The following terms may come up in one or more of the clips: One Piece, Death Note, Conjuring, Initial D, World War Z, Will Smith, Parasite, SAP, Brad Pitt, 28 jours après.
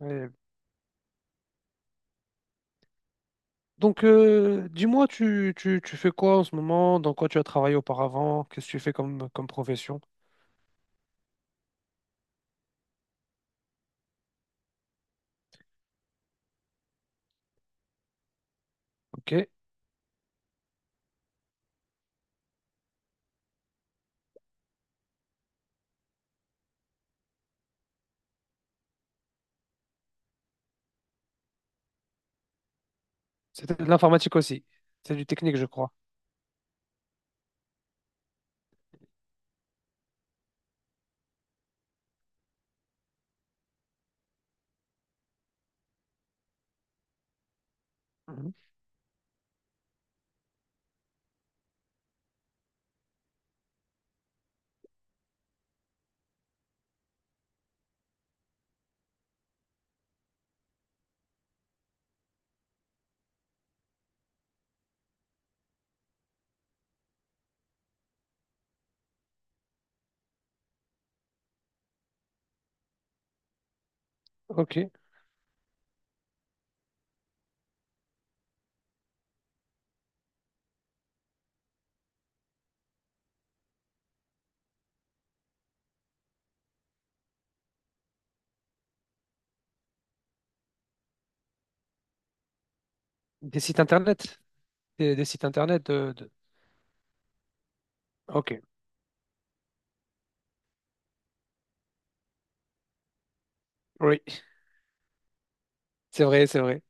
Ouais. Donc, dis-moi, tu fais quoi en ce moment? Dans quoi tu as travaillé auparavant? Qu'est-ce que tu fais comme profession? Ok. C'était de l'informatique aussi. C'est du technique, je crois. Mhm. Ok. Des sites internet? Des sites internet. Ok. Oui, c'est vrai, c'est vrai.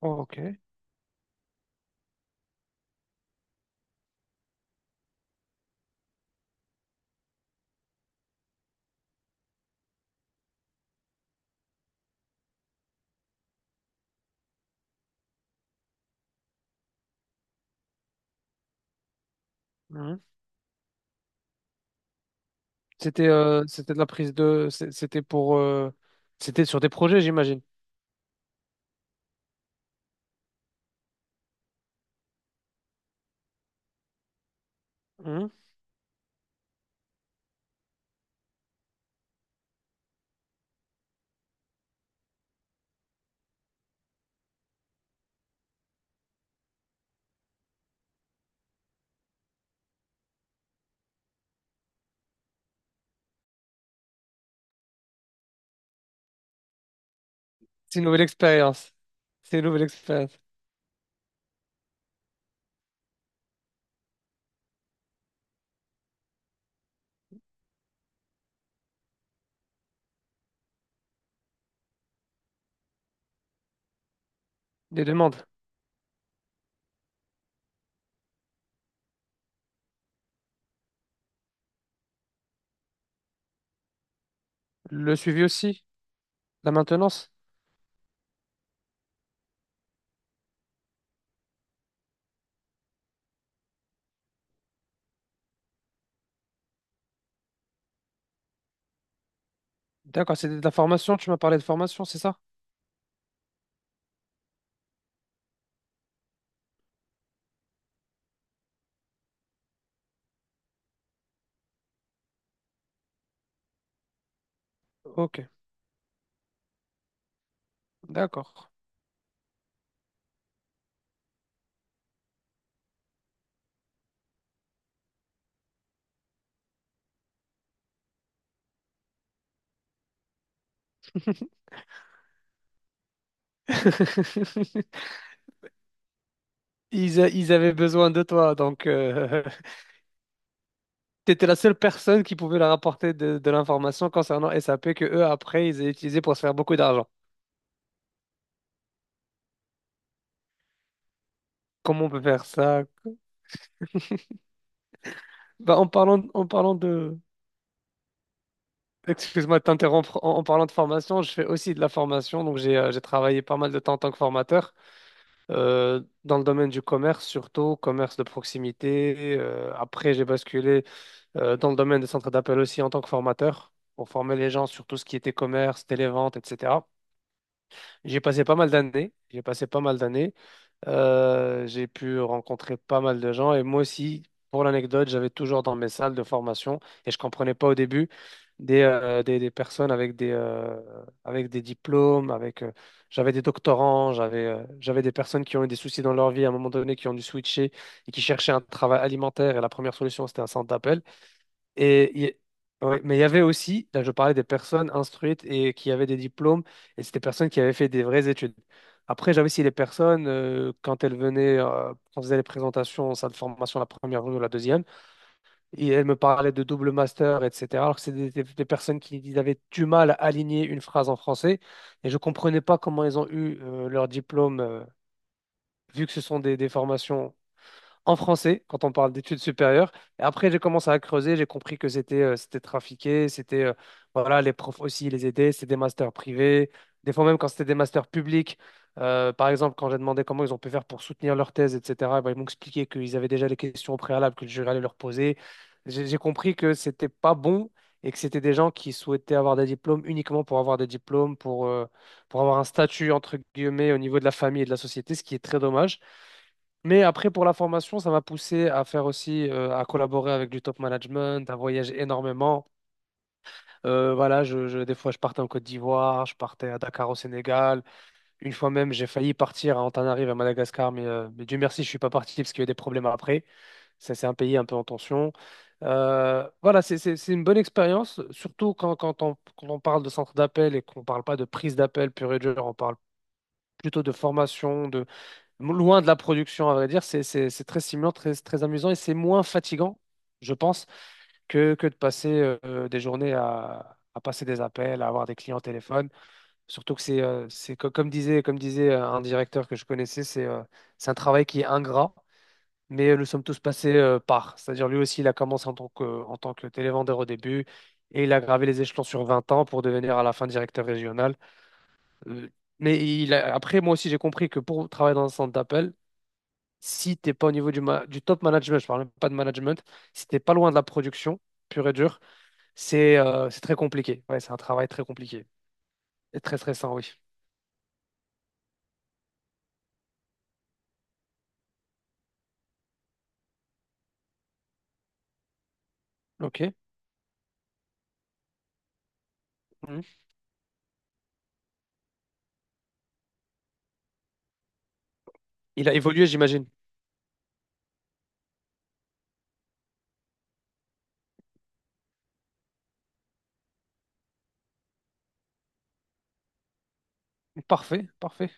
Ok. C'était c'était de la prise de. C'est- C'était pour. C'était sur des projets, j'imagine. Mhm. C'est une nouvelle expérience. C'est une nouvelle expérience. Des demandes. Le suivi aussi. La maintenance. D'accord, c'était de la formation. Tu m'as parlé de formation, c'est ça? Ok, d'accord. Ils avaient besoin de toi, donc. T'étais la seule personne qui pouvait leur apporter de l'information concernant SAP que eux après ils avaient utilisé pour se faire beaucoup d'argent. Comment on peut faire ça? Bah, en parlant, excuse-moi de t'interrompre, en parlant de formation, je fais aussi de la formation, donc j'ai travaillé pas mal de temps en tant que formateur dans le domaine du commerce, surtout commerce de proximité. Après j'ai basculé dans le domaine des centres d'appel aussi en tant que formateur pour former les gens sur tout ce qui était commerce, télévente, etc. J'ai passé pas mal d'années. J'ai passé pas mal d'années. J'ai pu rencontrer pas mal de gens. Et moi aussi, pour l'anecdote, j'avais toujours dans mes salles de formation, et je comprenais pas au début, des personnes avec des diplômes, j'avais des doctorants, j'avais des personnes qui ont eu des soucis dans leur vie à un moment donné, qui ont dû switcher et qui cherchaient un travail alimentaire. Et la première solution, c'était un centre d'appel. Et, il- y- ouais, mais il y avait aussi, là je parlais des personnes instruites et qui avaient des diplômes, et c'était des personnes qui avaient fait des vraies études. Après, j'avais aussi les personnes, quand elles venaient, quand on faisait les présentations en salle de formation, la première ou la deuxième, et elles me parlaient de double master, etc. Alors que c'est des personnes qui ils avaient du mal à aligner une phrase en français, et je comprenais pas comment ils ont eu leur diplôme, vu que ce sont des formations en français quand on parle d'études supérieures. Et après, j'ai commencé à creuser, j'ai compris que c'était trafiqué, c'était voilà, les profs aussi les aidaient, c'était des masters privés, des fois même quand c'était des masters publics. Par exemple, quand j'ai demandé comment ils ont pu faire pour soutenir leur thèse, etc., eh ben, ils m'ont expliqué qu'ils avaient déjà les questions au préalable que le jury allait leur poser. J'ai compris que c'était pas bon et que c'était des gens qui souhaitaient avoir des diplômes uniquement pour avoir des diplômes, pour avoir un statut, entre guillemets, au niveau de la famille et de la société, ce qui est très dommage. Mais après, pour la formation, ça m'a poussé à faire aussi, à collaborer avec du top management, à voyager énormément. Voilà, des fois, je partais en Côte d'Ivoire, je partais à Dakar au Sénégal. Une fois même, j'ai failli partir à Antananarive à Madagascar, mais Dieu merci, je suis pas parti parce qu'il y a eu des problèmes après. Ça, c'est un pays un peu en tension. Voilà, c'est une bonne expérience, surtout quand on parle de centre d'appel et qu'on ne parle pas de prise d'appel pure et dure, on parle plutôt de formation. Loin de la production, à vrai dire, c'est très stimulant, très, très amusant et c'est moins fatigant, je pense, que de passer des journées à passer des appels, à avoir des clients au téléphone. Surtout que comme disait un directeur que je connaissais, c'est un travail qui est ingrat, mais nous sommes tous passés par. C'est-à-dire lui aussi, il a commencé en tant que télévendeur au début et il a gravé les échelons sur 20 ans pour devenir à la fin directeur régional. Euh, mais après, moi aussi, j'ai compris que pour travailler dans un centre d'appel, si t'es pas au niveau du top management, je parle même pas de management, si t'es pas loin de la production, pure et dure, c'est très compliqué. Ouais, c'est un travail très compliqué et très stressant, oui. Ok. Mhm. Il a évolué, j'imagine. Parfait, parfait.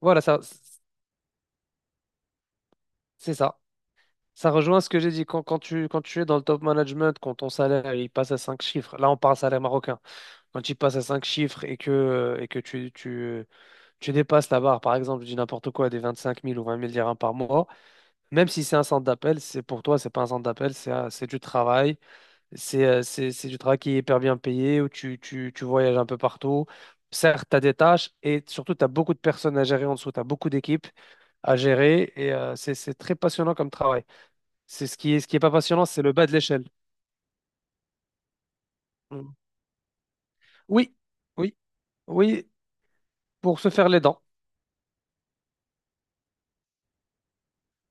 Voilà, ça, c'est ça. Ça rejoint ce que j'ai dit. Quand tu es dans le top management, quand ton salaire il passe à 5 chiffres, là on parle salaire marocain, quand il passe à 5 chiffres et que tu dépasses la barre, par exemple, je dis n'importe quoi, des 25 000 ou 20 000 dirhams par mois. Même si c'est un centre d'appel, c'est pour toi, c'est pas un centre d'appel, c'est du travail. C'est du travail qui est hyper bien payé, où tu voyages un peu partout. Certes, tu as des tâches et surtout, tu as beaucoup de personnes à gérer en dessous, tu as beaucoup d'équipes à gérer et c'est très passionnant comme travail. C'est ce qui est pas passionnant, c'est le bas de l'échelle. Mm. Oui, oui, oui, pour se faire les dents.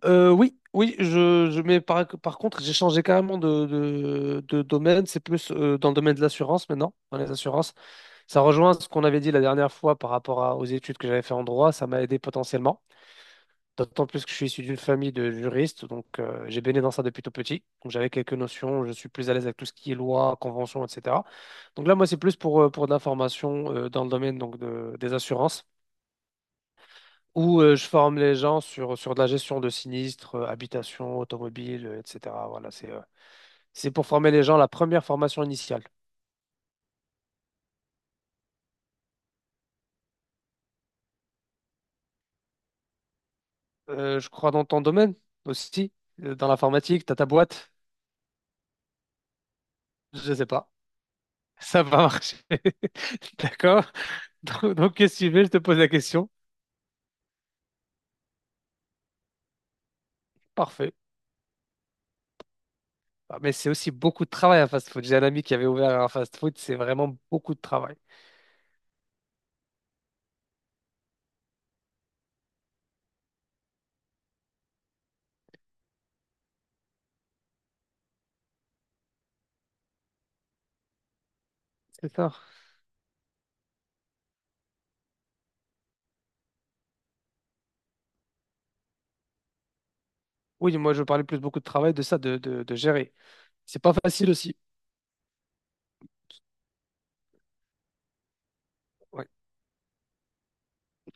Oui, oui, je mais par contre, j'ai changé carrément de domaine. C'est plus dans le domaine de l'assurance maintenant, dans les assurances. Ça rejoint ce qu'on avait dit la dernière fois par rapport aux études que j'avais fait en droit, ça m'a aidé potentiellement. D'autant plus que je suis issu d'une famille de juristes, donc j'ai baigné dans ça depuis tout petit. Donc j'avais quelques notions, je suis plus à l'aise avec tout ce qui est loi, convention, etc. Donc là, moi, c'est plus pour de la formation dans le domaine donc, des assurances, où je forme les gens sur de la gestion de sinistres, habitation, automobile, etc. Voilà, c'est pour former les gens, la première formation initiale. Je crois dans ton domaine aussi, dans l'informatique. T'as ta boîte, je sais pas. Ça va marcher. D'accord. Donc, qu'est-ce que tu veux? Je te pose la question. Parfait. Ah, mais c'est aussi beaucoup de travail un fast-food. J'ai un ami qui avait ouvert un fast-food. C'est vraiment beaucoup de travail. C'est ça. Oui, moi, je parlais plus beaucoup de travail de ça, de gérer. C'est pas facile aussi. Ouais.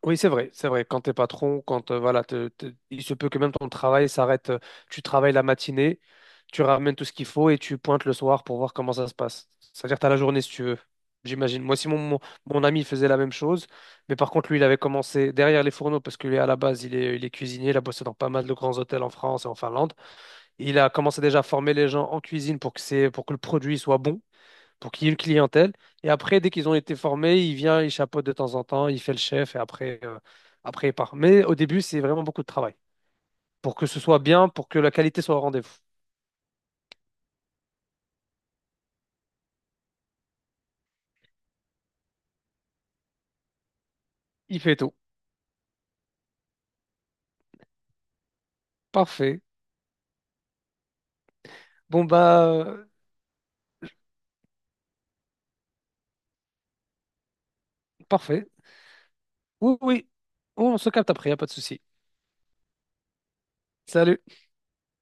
Oui, c'est vrai, c'est vrai. Quand t'es patron, quand voilà, il se peut que même ton travail s'arrête. Tu travailles la matinée, tu ramènes tout ce qu'il faut et tu pointes le soir pour voir comment ça se passe. C'est-à-dire que t'as la journée si tu veux. J'imagine. Moi, si mon ami faisait la même chose, mais par contre, lui, il avait commencé derrière les fourneaux parce que lui, à la base, il est cuisinier, il a bossé dans pas mal de grands hôtels en France et en Finlande. Il a commencé déjà à former les gens en cuisine pour que le produit soit bon pour qu'il y ait une clientèle. Et après, dès qu'ils ont été formés, il vient, il chapeaute de temps en temps, il fait le chef et après il part. Mais au début, c'est vraiment beaucoup de travail pour que ce soit bien, pour que la qualité soit au rendez-vous. Il fait tout. Parfait. Bon, bah, parfait. Oui, oui. On se capte après, y a pas de souci. Salut.